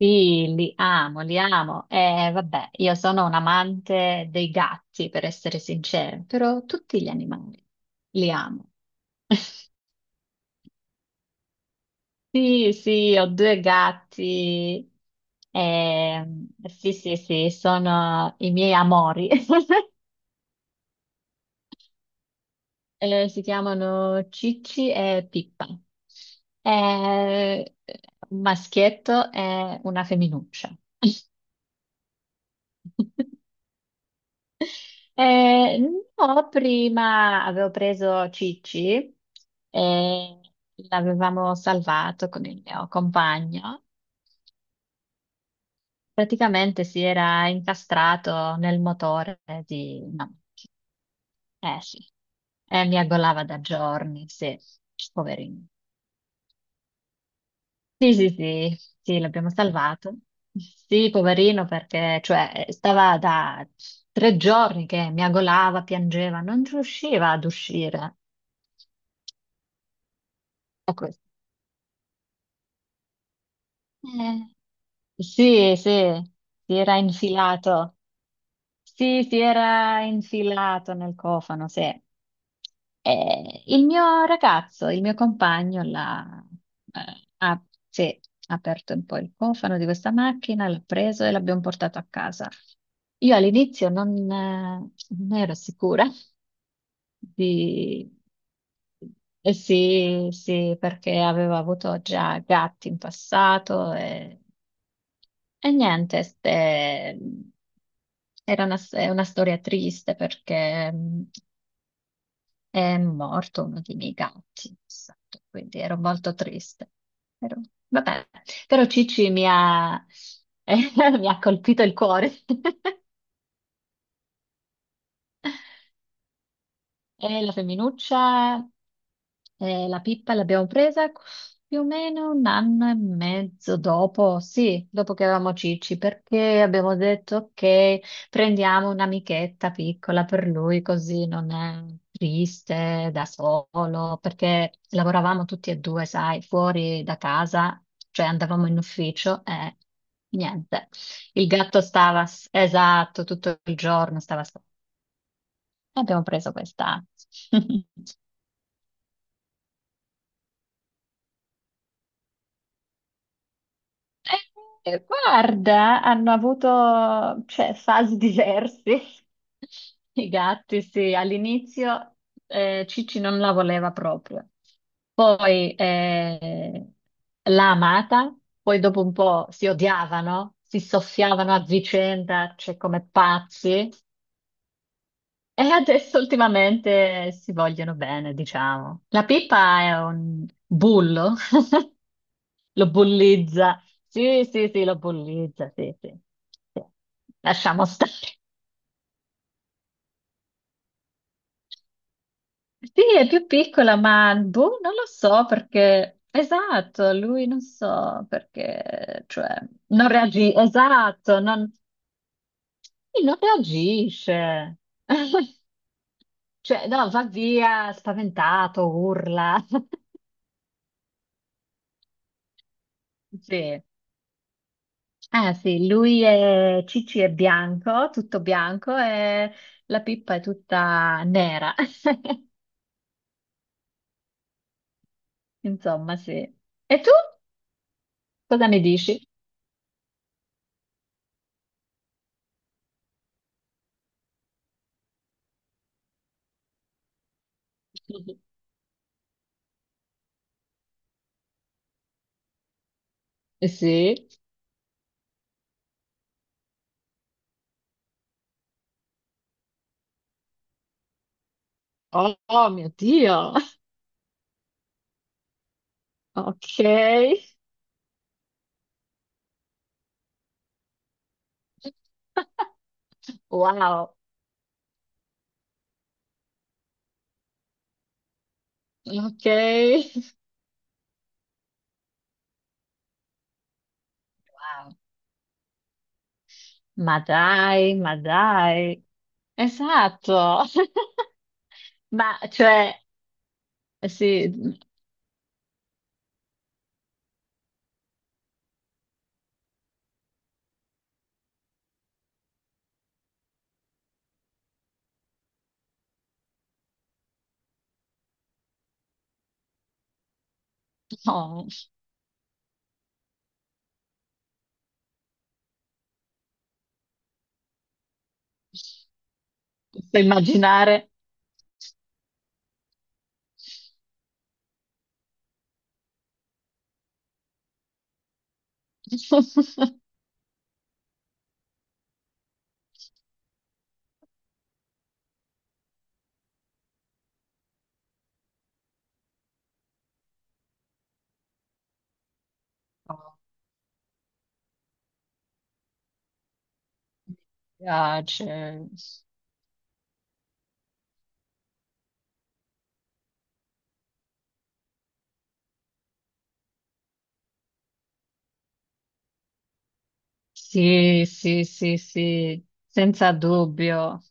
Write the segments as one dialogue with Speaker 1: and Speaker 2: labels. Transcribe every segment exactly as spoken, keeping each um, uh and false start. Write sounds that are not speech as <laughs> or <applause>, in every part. Speaker 1: Sì, li amo, li amo. Eh, vabbè, io sono un amante dei gatti, per essere sincera, però tutti gli animali li amo. <laughs> Sì, sì, ho due gatti. Ehm, sì, sì, sì, sono i miei amori. <laughs> Eh, si chiamano Cicci e Pippa. Eh, un maschietto e una femminuccia. <laughs> Eh, no, prima avevo preso Cicci e l'avevamo salvato con il mio compagno. Praticamente si era incastrato nel motore di... No, eh sì, e mi aggolava da giorni, sì, poverino. Sì, sì, sì, sì, l'abbiamo salvato. Sì, poverino, perché cioè, stava da tre giorni che mi aggolava, piangeva, non riusciva ad uscire. Eh, sì, sì, si era infilato. Sì, si era infilato nel cofano, sì. Eh, il mio ragazzo, il mio compagno, l'ha, eh, ha, sì, ha aperto un po' il cofano di questa macchina, l'ha preso e l'abbiamo portato a casa. Io all'inizio non, eh, non ero sicura di... eh, sì, sì, perché avevo avuto già gatti in passato e e niente, ste- era una, è una storia triste perché mm, è morto uno dei miei gatti, esatto, quindi ero molto triste. Ero- vabbè, però Cici mi ha, <laughs> mi ha colpito il cuore. <laughs> E la femminuccia? Eh, la Pippa l'abbiamo presa più o meno un anno e mezzo dopo, sì, dopo che avevamo Cicci, perché abbiamo detto che prendiamo un'amichetta piccola per lui, così non è triste da solo, perché lavoravamo tutti e due, sai, fuori da casa, cioè andavamo in ufficio e niente. Il gatto stava, esatto, tutto il giorno stava sotto. Abbiamo preso questa. <laughs> Eh, Guarda, hanno avuto, cioè, fasi diverse. <laughs> I gatti, sì, all'inizio eh, Cicci non la voleva proprio, poi eh, l'ha amata, poi dopo un po' si odiavano, si soffiavano a vicenda, cioè come pazzi, e adesso ultimamente si vogliono bene, diciamo. La Pippa è un bullo, lo bollizza. Sì, sì, sì, lo bollizza, sì, sì. Sì. Lasciamo stare. Sì, è più piccola, ma boh, non lo so perché... Esatto, lui non so perché, cioè, non reagisce, esatto, non, sì, non reagisce. <laughs> Cioè, no, va via spaventato, urla. <laughs> Sì. Ah, sì, lui è Cici è bianco, tutto bianco e la Pippa è tutta nera. <laughs> Insomma, sì. E tu cosa ne dici? <laughs> Eh, sì. Oh, oh, mio Dio. <laughs> Ok. <laughs> Wow. Ok. Wow. Ma dai, ma dai. Esatto. <laughs> Ma cioè, eh sì, no, posso immaginare. <laughs> Oh, mi piace. Sì, sì, sì, sì, senza dubbio.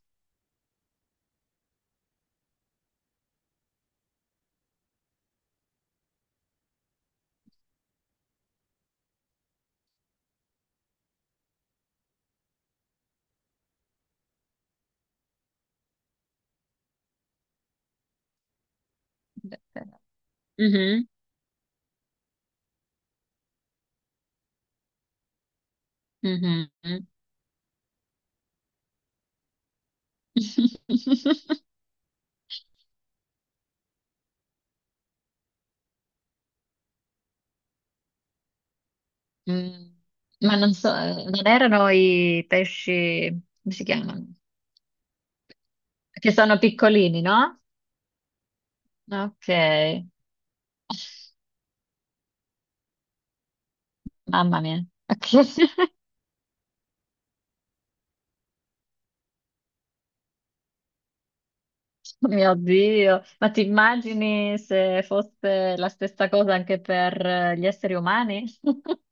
Speaker 1: Mhm, mhm. <laughs> Mm, Ma non so, eh, non erano i pesci, come si chiamano? Che sono piccolini, no? Ok, mamma mia. <laughs> Ok. Mio Dio, ma ti immagini se fosse la stessa cosa anche per eh, gli esseri umani? <laughs>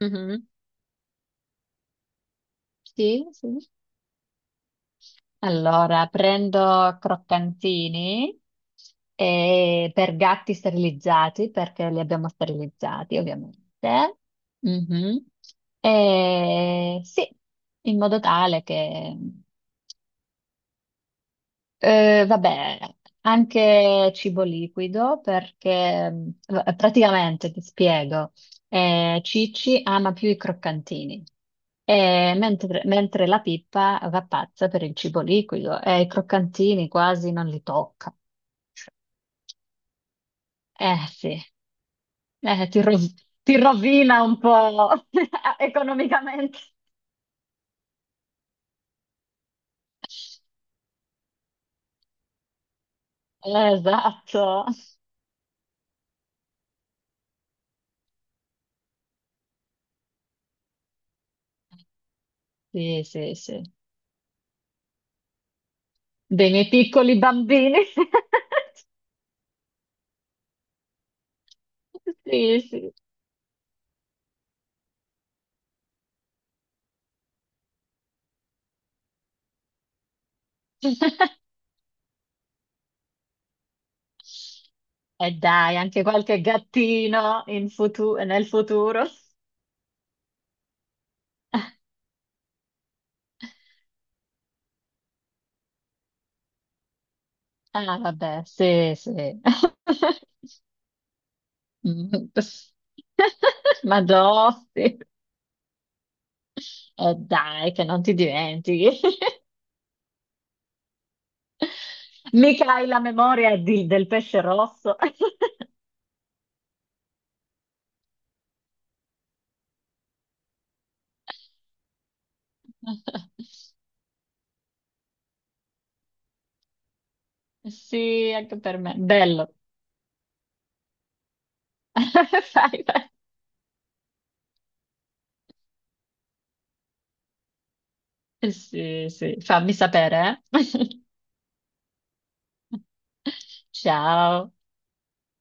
Speaker 1: Mhm. Sì, sì. Allora, prendo croccantini eh, per gatti sterilizzati, perché li abbiamo sterilizzati, ovviamente. Mhm. E sì, in modo tale che eh, vabbè, anche cibo liquido perché mh, v- praticamente ti spiego, eh, Cicci ama più i croccantini, eh, mentre, mentre la Pippa va pazza per il cibo liquido e i croccantini quasi non li tocca. Eh sì, eh, ti, ro- ti rovina un po' <laughs> economicamente. Eh, Esatto, sì, sì, sì, dei miei piccoli bambini. <laughs> Sì, sì. E dai, anche qualche gattino in futu- nel futuro. Ah, vabbè, sì, sì. <laughs> Mm. <laughs> Ma dossi. E dai, che non ti dimentichi. <laughs> Mica hai la memoria di- del pesce rosso. <laughs> Sì, anche per me. Bello. <laughs> Fai, fai. Sì, sì. Fammi sapere, eh. <laughs> Ciao.